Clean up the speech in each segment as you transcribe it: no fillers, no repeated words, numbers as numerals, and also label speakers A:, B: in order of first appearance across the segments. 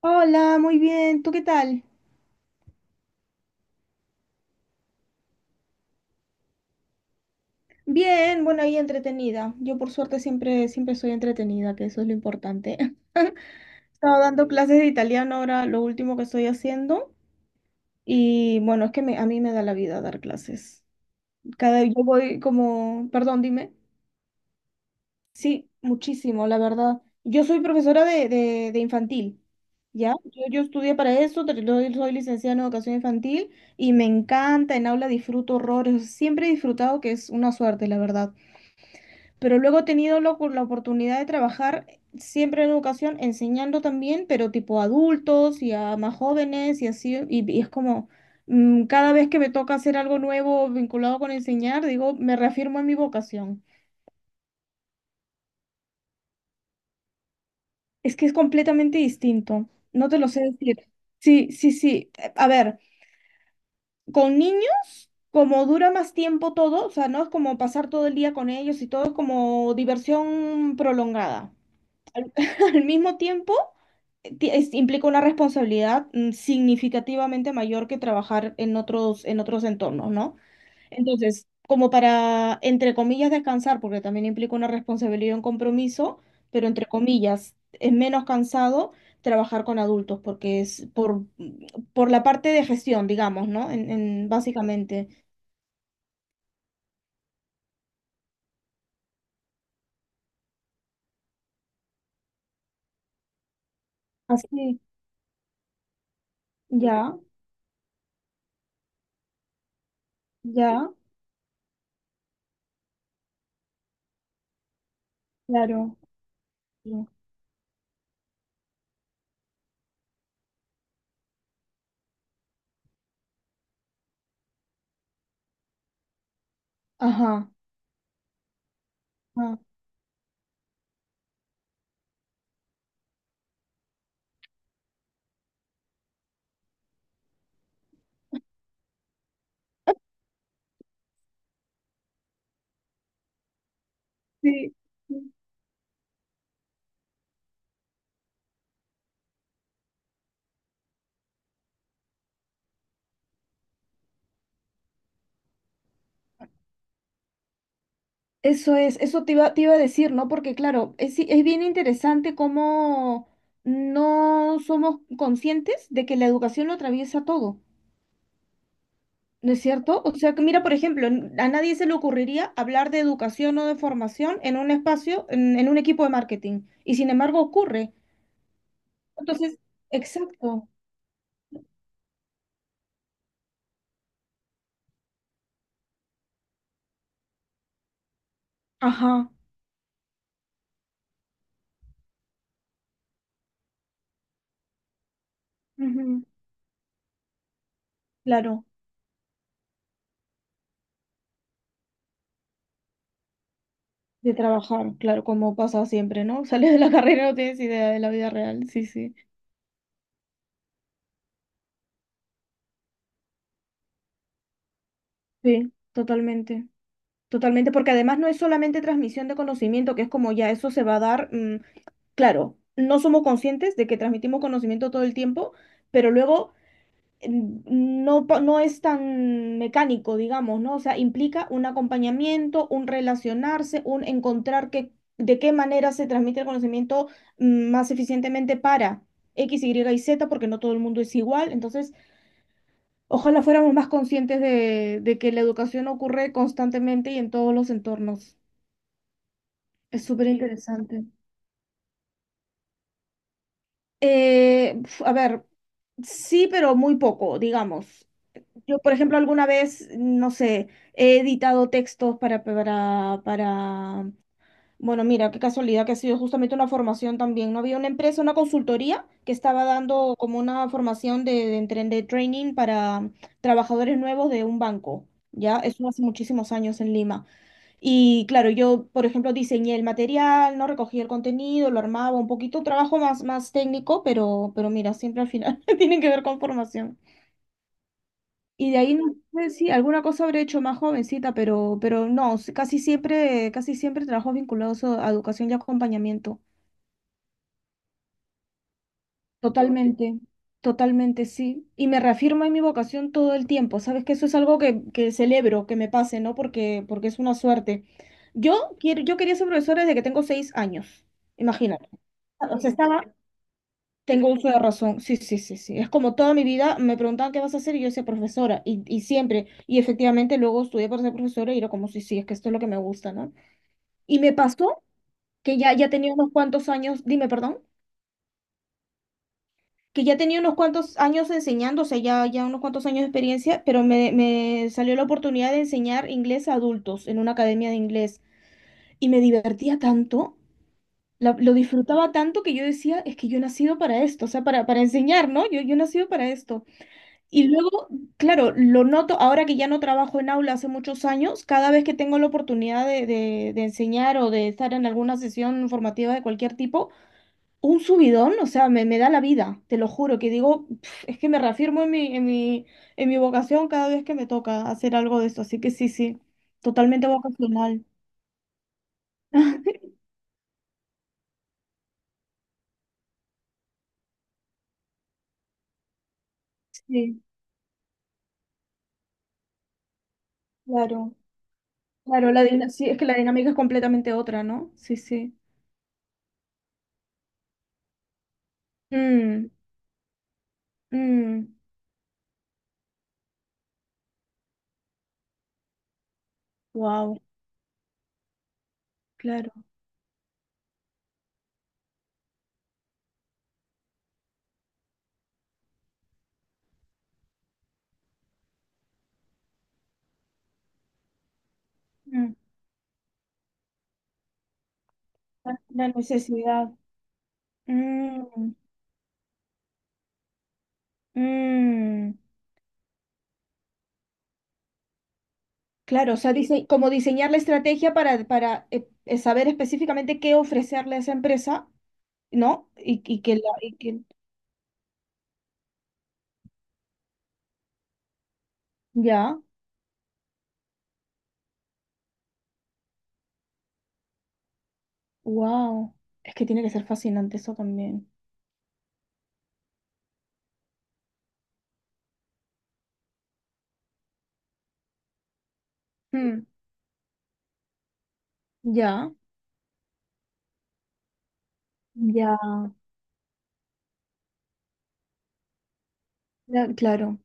A: Hola, muy bien. ¿Tú qué tal? Bien, bueno, ahí entretenida. Yo por suerte siempre, siempre soy entretenida, que eso es lo importante. Estaba dando clases de italiano ahora, lo último que estoy haciendo. Y bueno, es que a mí me da la vida dar clases. Cada, yo voy como, perdón, dime. Sí, muchísimo, la verdad. Yo soy profesora de infantil, ¿ya? Yo estudié para eso, yo soy licenciada en educación infantil y me encanta, en aula disfruto horrores, siempre he disfrutado, que es una suerte, la verdad. Pero luego he tenido la oportunidad de trabajar siempre en educación, enseñando también, pero tipo a adultos y a más jóvenes y así, y es como cada vez que me toca hacer algo nuevo vinculado con enseñar, digo, me reafirmo en mi vocación. Es que es completamente distinto, no te lo sé decir. Sí, sí, sí. A ver, con niños, como dura más tiempo todo, o sea, no es como pasar todo el día con ellos y todo es como diversión prolongada. Al, al mismo tiempo, implica una responsabilidad significativamente mayor que trabajar en otros entornos, ¿no? Entonces, como para, entre comillas, descansar, porque también implica una responsabilidad y un compromiso, pero entre comillas, es menos cansado trabajar con adultos, porque es por la parte de gestión, digamos, ¿no? Básicamente. Así, ya, ya, claro. Ajá. Ajá. Sí. Sí, eso es, eso te iba a decir, ¿no? Porque claro, es, sí, es bien interesante cómo no somos conscientes de que la educación lo atraviesa todo, ¿no es cierto? O sea, que mira, por ejemplo, a nadie se le ocurriría hablar de educación o de formación en un espacio, en un equipo de marketing, y sin embargo ocurre. Entonces, exacto. Ajá. Ujú. Claro, de trabajar, claro, como pasa siempre, ¿no? Sales de la carrera y no tienes idea de la vida real, sí, sí. Sí, totalmente. Totalmente, porque además no es solamente transmisión de conocimiento, que es como ya eso se va a dar, claro, no somos conscientes de que transmitimos conocimiento todo el tiempo, pero luego no, no es tan mecánico, digamos, ¿no? O sea, implica un acompañamiento, un relacionarse, un encontrar que, de qué manera se transmite el conocimiento más eficientemente para X, Y y Z, porque no todo el mundo es igual, entonces... Ojalá fuéramos más conscientes de que la educación ocurre constantemente y en todos los entornos. Es súper interesante. Uf, a ver, sí, pero muy poco, digamos. Yo, por ejemplo, alguna vez, no sé, he editado textos bueno, mira, qué casualidad que ha sido justamente una formación también, ¿no? Había una empresa, una consultoría que estaba dando como una formación de training para trabajadores nuevos de un banco, ya, eso hace muchísimos años en Lima. Y claro, yo, por ejemplo, diseñé el material, ¿no? Recogí el contenido, lo armaba un poquito, trabajo más, más técnico, pero mira, siempre al final tienen que ver con formación. Y de ahí no sé si alguna cosa habré hecho más jovencita, pero no, casi siempre trabajos vinculados a educación y acompañamiento. Totalmente, totalmente, sí. Y me reafirma en mi vocación todo el tiempo. Sabes que eso es algo que celebro, que me pase, ¿no? Porque es una suerte. Yo quería ser profesora desde que tengo 6 años. Imagínate. O sea, tengo uso de razón. Sí, sí, sí, sí. Es como toda mi vida me preguntaban qué vas a hacer y yo decía profesora. Y siempre. Y efectivamente luego estudié para ser profesora y era como, sí, sí, es que esto es lo que me gusta, ¿no? Y me pasó que ya tenía unos cuantos años. Dime, perdón. Que ya, tenía unos cuantos años enseñando, o sea, ya, ya unos cuantos años de experiencia, pero me salió la oportunidad de enseñar inglés a adultos en una academia de inglés y me divertía tanto, lo disfrutaba tanto que yo decía, es que yo he nacido para esto, o sea, para enseñar, ¿no? Yo he nacido para esto. Y luego, claro, lo noto ahora que ya no trabajo en aula hace muchos años, cada vez que tengo la oportunidad de enseñar o de estar en alguna sesión formativa de cualquier tipo, un subidón, o sea, me da la vida, te lo juro, que digo: "Pf, es que me reafirmo en mi vocación cada vez que me toca hacer algo de esto, así que sí, sí, totalmente vocacional". Sí, claro, claro, sí, es que la dinámica es completamente otra, ¿no? Sí, sí. Mm, mm, wow, claro. Mm, la necesidad. Mm, mm. Claro, o sea, dice, como diseñar la estrategia para saber específicamente qué ofrecerle a esa empresa, ¿no? Y y que ya, wow. Es que tiene que ser fascinante eso también. Hmm. Ya, ya, ya, claro.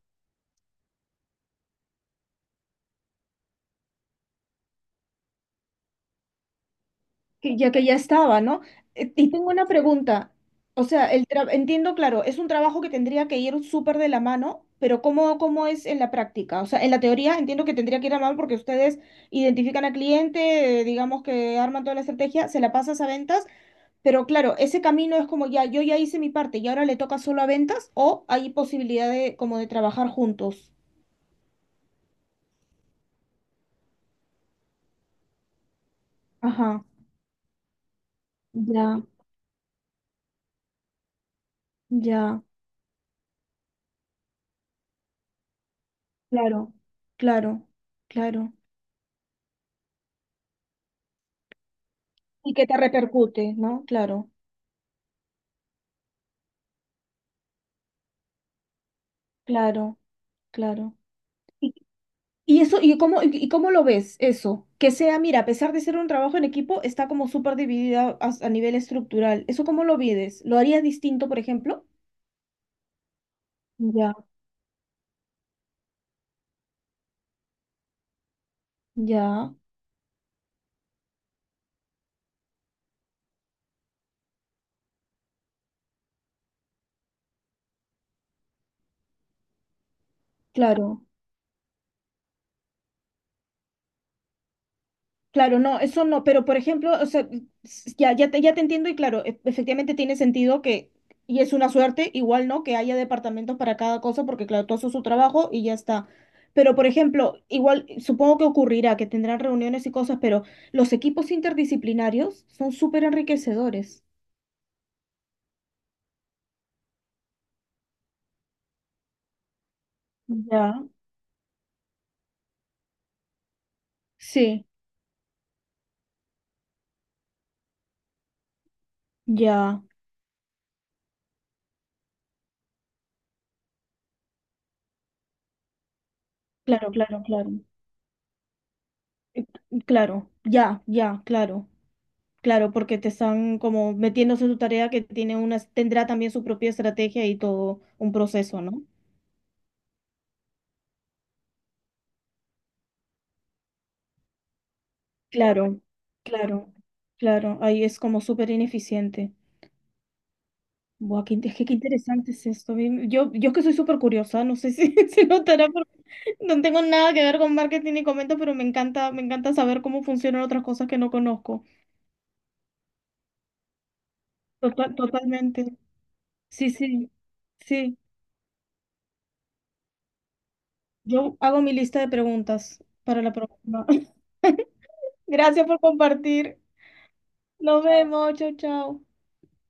A: Ya que ya estaba, ¿no? Y tengo una pregunta. O sea, entiendo, claro, es un trabajo que tendría que ir súper de la mano, pero ¿cómo es en la práctica? O sea, en la teoría entiendo que tendría que ir a mano porque ustedes identifican al cliente, digamos que arman toda la estrategia, se la pasas a ventas. Pero claro, ese camino es como ya, yo ya hice mi parte y ahora, ¿le toca solo a ventas o hay posibilidad de como de trabajar juntos? Ajá, ya, ya, claro, claro, claro. Y que te repercute, ¿no? Claro, claro, claro. Y, y eso, ¿y cómo lo ves eso? Que sea, mira, a pesar de ser un trabajo en equipo, está como súper dividida a nivel estructural. ¿Eso cómo lo vives? ¿Lo harías distinto, por ejemplo? Ya, ya, claro. Claro, no, eso no, pero por ejemplo, o sea, ya, ya te entiendo y claro, efectivamente tiene sentido que, y es una suerte, igual, ¿no? Que haya departamentos para cada cosa, porque claro, todo eso es su trabajo y ya está. Pero por ejemplo, igual, supongo que ocurrirá, que tendrán reuniones y cosas, pero los equipos interdisciplinarios son súper enriquecedores. Ya, sí, ya, claro, claro, claro. Eh, Claro, ya, ya, claro. Claro, porque te están como metiéndose en tu tarea que tiene tendrá también su propia estrategia y todo un proceso, ¿no? Claro, claro, claro. Ahí es como súper ineficiente. Buah, es que qué interesante es esto. Yo es que soy súper curiosa, no sé si se notará, porque no tengo nada que ver con marketing ni comento, pero me encanta saber cómo funcionan otras cosas que no conozco. Totalmente. Sí, sí, sí. Yo hago mi lista de preguntas para la próxima. Gracias por compartir. Nos vemos, chau, chau.